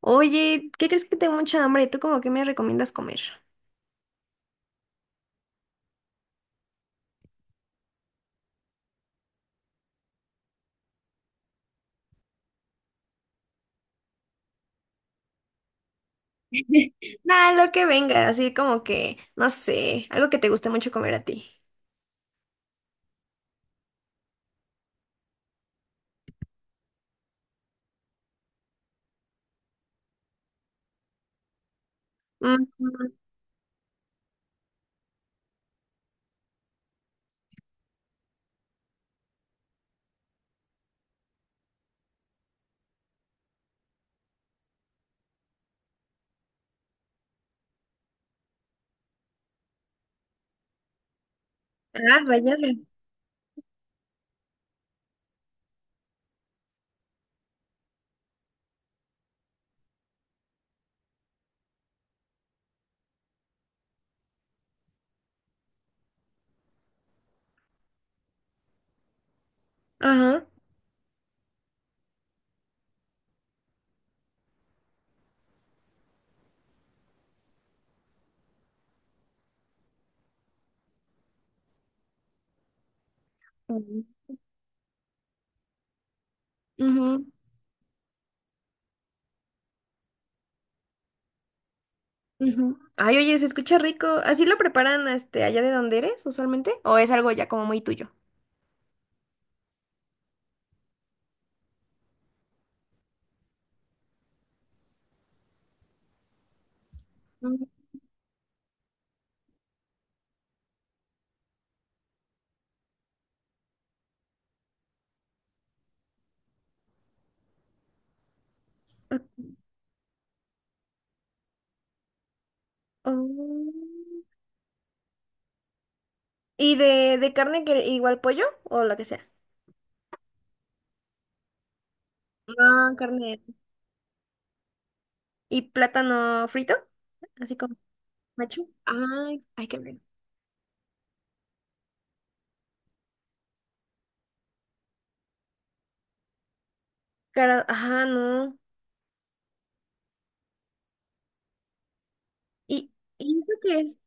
Oye, ¿qué crees? Que tengo mucha hambre. ¿Tú como que me recomiendas comer? Nada, lo que venga, así como que, no sé, algo que te guste mucho comer a ti. Mm, mm. Ah, rayada. Ajá. Mm, ujú, ujú. Ay, oye, se escucha rico. ¿Así lo preparan este allá de donde eres usualmente? ¿O es algo ya como muy tuyo? Mm, ah, oh. ¿Y de carne? Que igual pollo o lo que sea? No, carne. ¿Y plátano frito? Así como macho. Ay, hay que ver. Cara, ajá, no. ¿Y, eso qué es?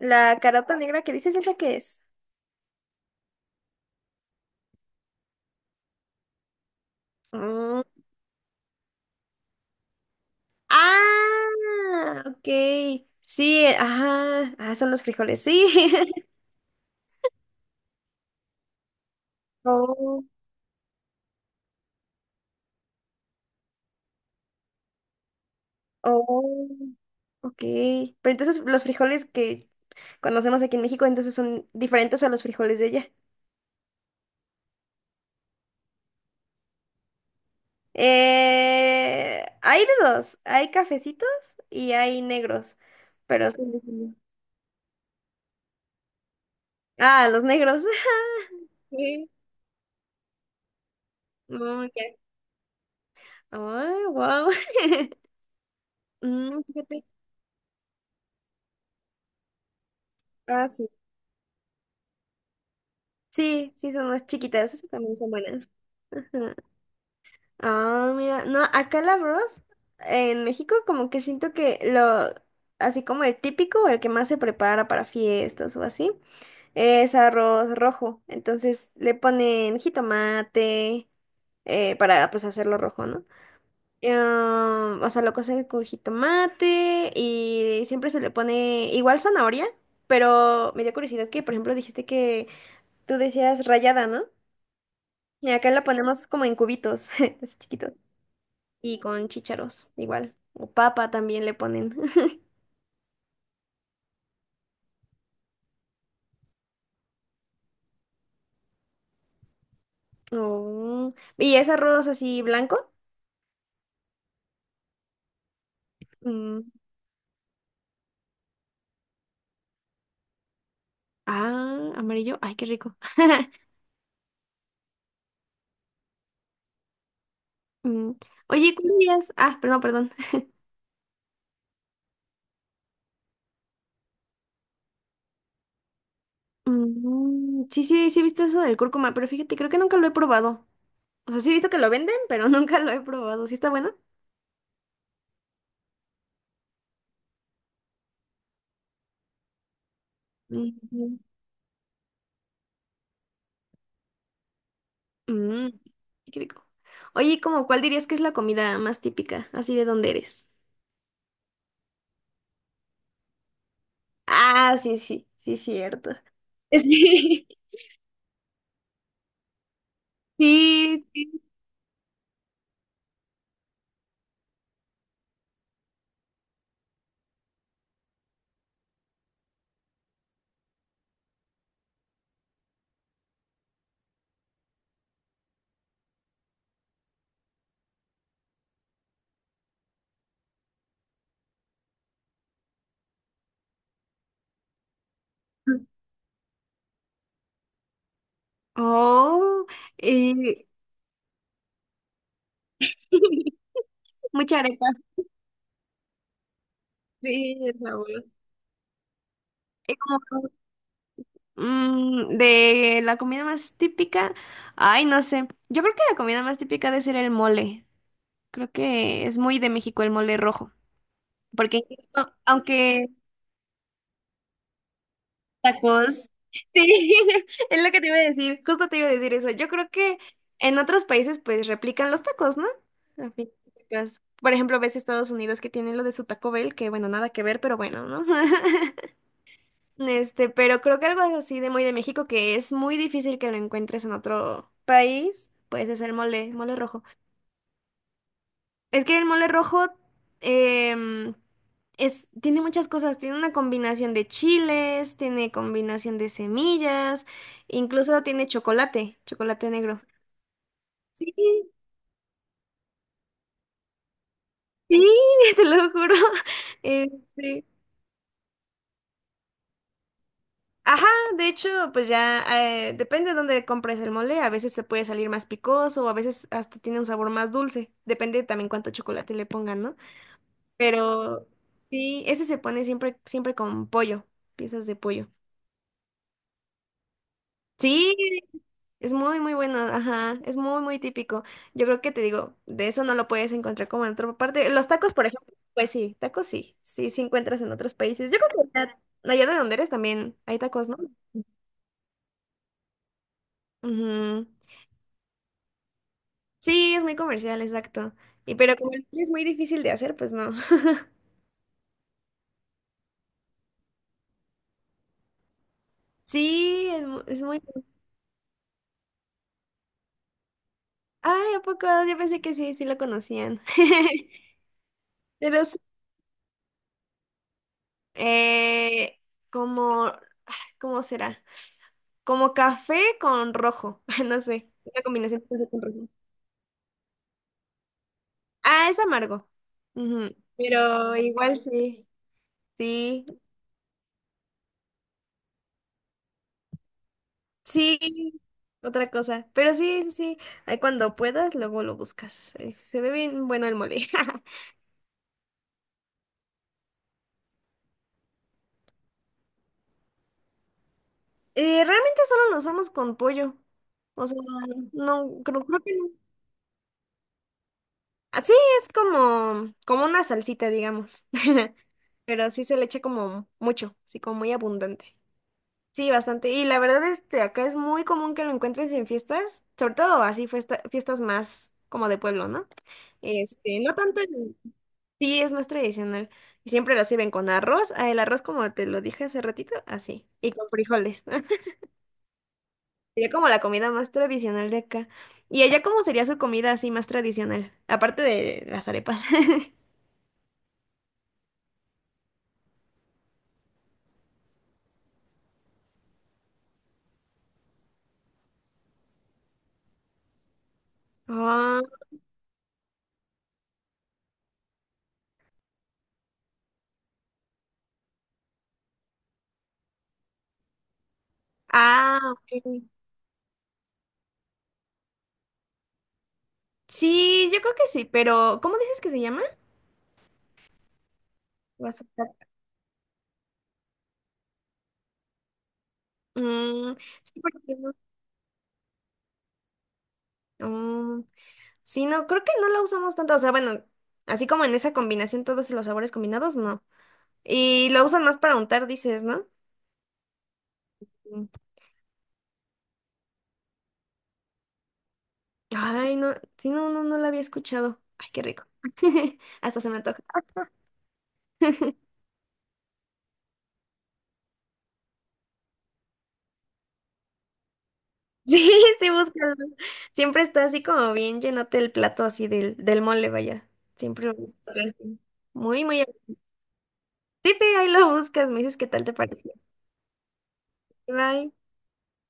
La carota negra que dices, ¿esa qué es? Mm. Ah, ok. Sí, ajá. Ah, son los frijoles, sí. Oh, oh, ok. Pero entonces los frijoles que conocemos aquí en México, entonces son diferentes a los frijoles de allá. Hay de dos, hay cafecitos y hay negros, pero son los... Ah, los negros. Sí. Mm, ya. Ay, wow. Mm, fíjate. Ah, sí. Sí, sí, son más chiquitas, esas también son buenas. Ajá. Ah, mira, no, acá el arroz en México como que siento que así como el típico o el que más se prepara para fiestas o así, es arroz rojo. Entonces le ponen jitomate, para pues hacerlo rojo, ¿no? Em, o sea, lo cocen con jitomate y siempre se le pone igual zanahoria, pero me dio curiosidad que, por ejemplo, dijiste que tú decías rallada, ¿no? Y acá la ponemos como en cubitos, así chiquitos, y con chícharos, igual. O papa también le ponen. Oh, ¿y es arroz así blanco? Mm. Ah, amarillo. Ay, qué rico. Mm. Oye, ¿cuál dirías? Ah, perdón, perdón. Mm, sí, sí, sí he visto eso del cúrcuma, pero fíjate, creo que nunca lo he probado. O sea, sí he visto que lo venden, pero nunca lo he probado. ¿Sí está bueno? Ujú. Mm, qué rico. Oye, ¿cómo cuál dirías que es la comida más típica, así, de dónde eres? Ah, sí, sí, sí, cierto. Sí. Sí. Oh, eh, mucha arepa. Sí, el sabor. Es como mm, de la comida más típica. Ay, no sé. Yo creo que la comida más típica debe ser el mole. Creo que es muy de México el mole rojo. Porque incluso, aunque... tacos, sí, es lo que te iba a decir, justo te iba a decir eso. Yo creo que en otros países pues replican los tacos, ¿no? A fin de cuentas. Por ejemplo, ves Estados Unidos que tienen lo de su Taco Bell, que bueno, nada que ver, pero bueno, ¿no? Este, pero creo que algo así de muy de México que es muy difícil que lo encuentres en otro país, pues es el mole, mole rojo. Es que el mole rojo, em, es, tiene muchas cosas, tiene una combinación de chiles, tiene combinación de semillas, incluso tiene chocolate, chocolate negro. Sí, sí, te lo juro. Este, ajá, de hecho, pues ya depende de dónde compres el mole, a veces se puede salir más picoso o a veces hasta tiene un sabor más dulce, depende también cuánto chocolate le pongan, ¿no? Pero sí, ese se pone siempre, siempre con pollo, piezas de pollo. Sí, es muy, muy bueno, ajá, es muy, muy típico. Yo creo que, te digo, de eso no lo puedes encontrar como en otra parte. Los tacos, por ejemplo, pues sí, tacos sí, sí, sí encuentras en otros países. Yo creo que allá, allá de donde eres también hay tacos, ¿no? Ujú. Sí, es muy comercial, exacto. Y pero como el chile es muy difícil de hacer, pues no. Sí, es, mu- es muy... bueno. Ay, ¿a poco? Yo pensé que sí, sí lo conocían. Pero sí, eh, como... ¿cómo será? Como café con rojo. No sé. Una combinación de café con rojo. Ah, es amargo. Ujú. Pero igual sí. Sí. Sí. Otra cosa. Pero sí, sí, sí. Ahí cuando puedas, luego lo buscas. Se ve bien bueno el mole. Realmente solo lo usamos con pollo. O sea, no, creo, creo que no. Así es como, como una salsita, digamos. Pero sí se le echa como mucho, así como muy abundante. Sí, bastante. Y la verdad, este, acá es muy común que lo encuentres en fiestas, sobre todo así fiesta- fiestas más como de pueblo, ¿no? Este, no tanto en... sí, es más tradicional. Y siempre lo sirven con arroz. Ah, el arroz, como te lo dije hace ratito, así. Y con frijoles. Sería como la comida más tradicional de acá. ¿Y allá cómo sería su comida así más tradicional? Aparte de las arepas. Ah, ah, ok. Sí, yo creo que sí, pero ¿cómo dices que se llama? Guasacaca. Mm, sí, porque... oh, sí, no, creo que no la usamos tanto. O sea, bueno, así como en esa combinación, todos los sabores combinados, no. Y lo usan más para untar, dices, ¿no? Mm. Ay, no, sí, no, no, no la había escuchado. Ay, qué rico. Hasta se me antoja. Sí, sí, búscalo. Siempre está así como bien llenote el plato así del mole, vaya. Siempre lo buscas así. Muy, muy. Sí, ve, ahí lo buscas, me dices qué tal te pareció. Bye.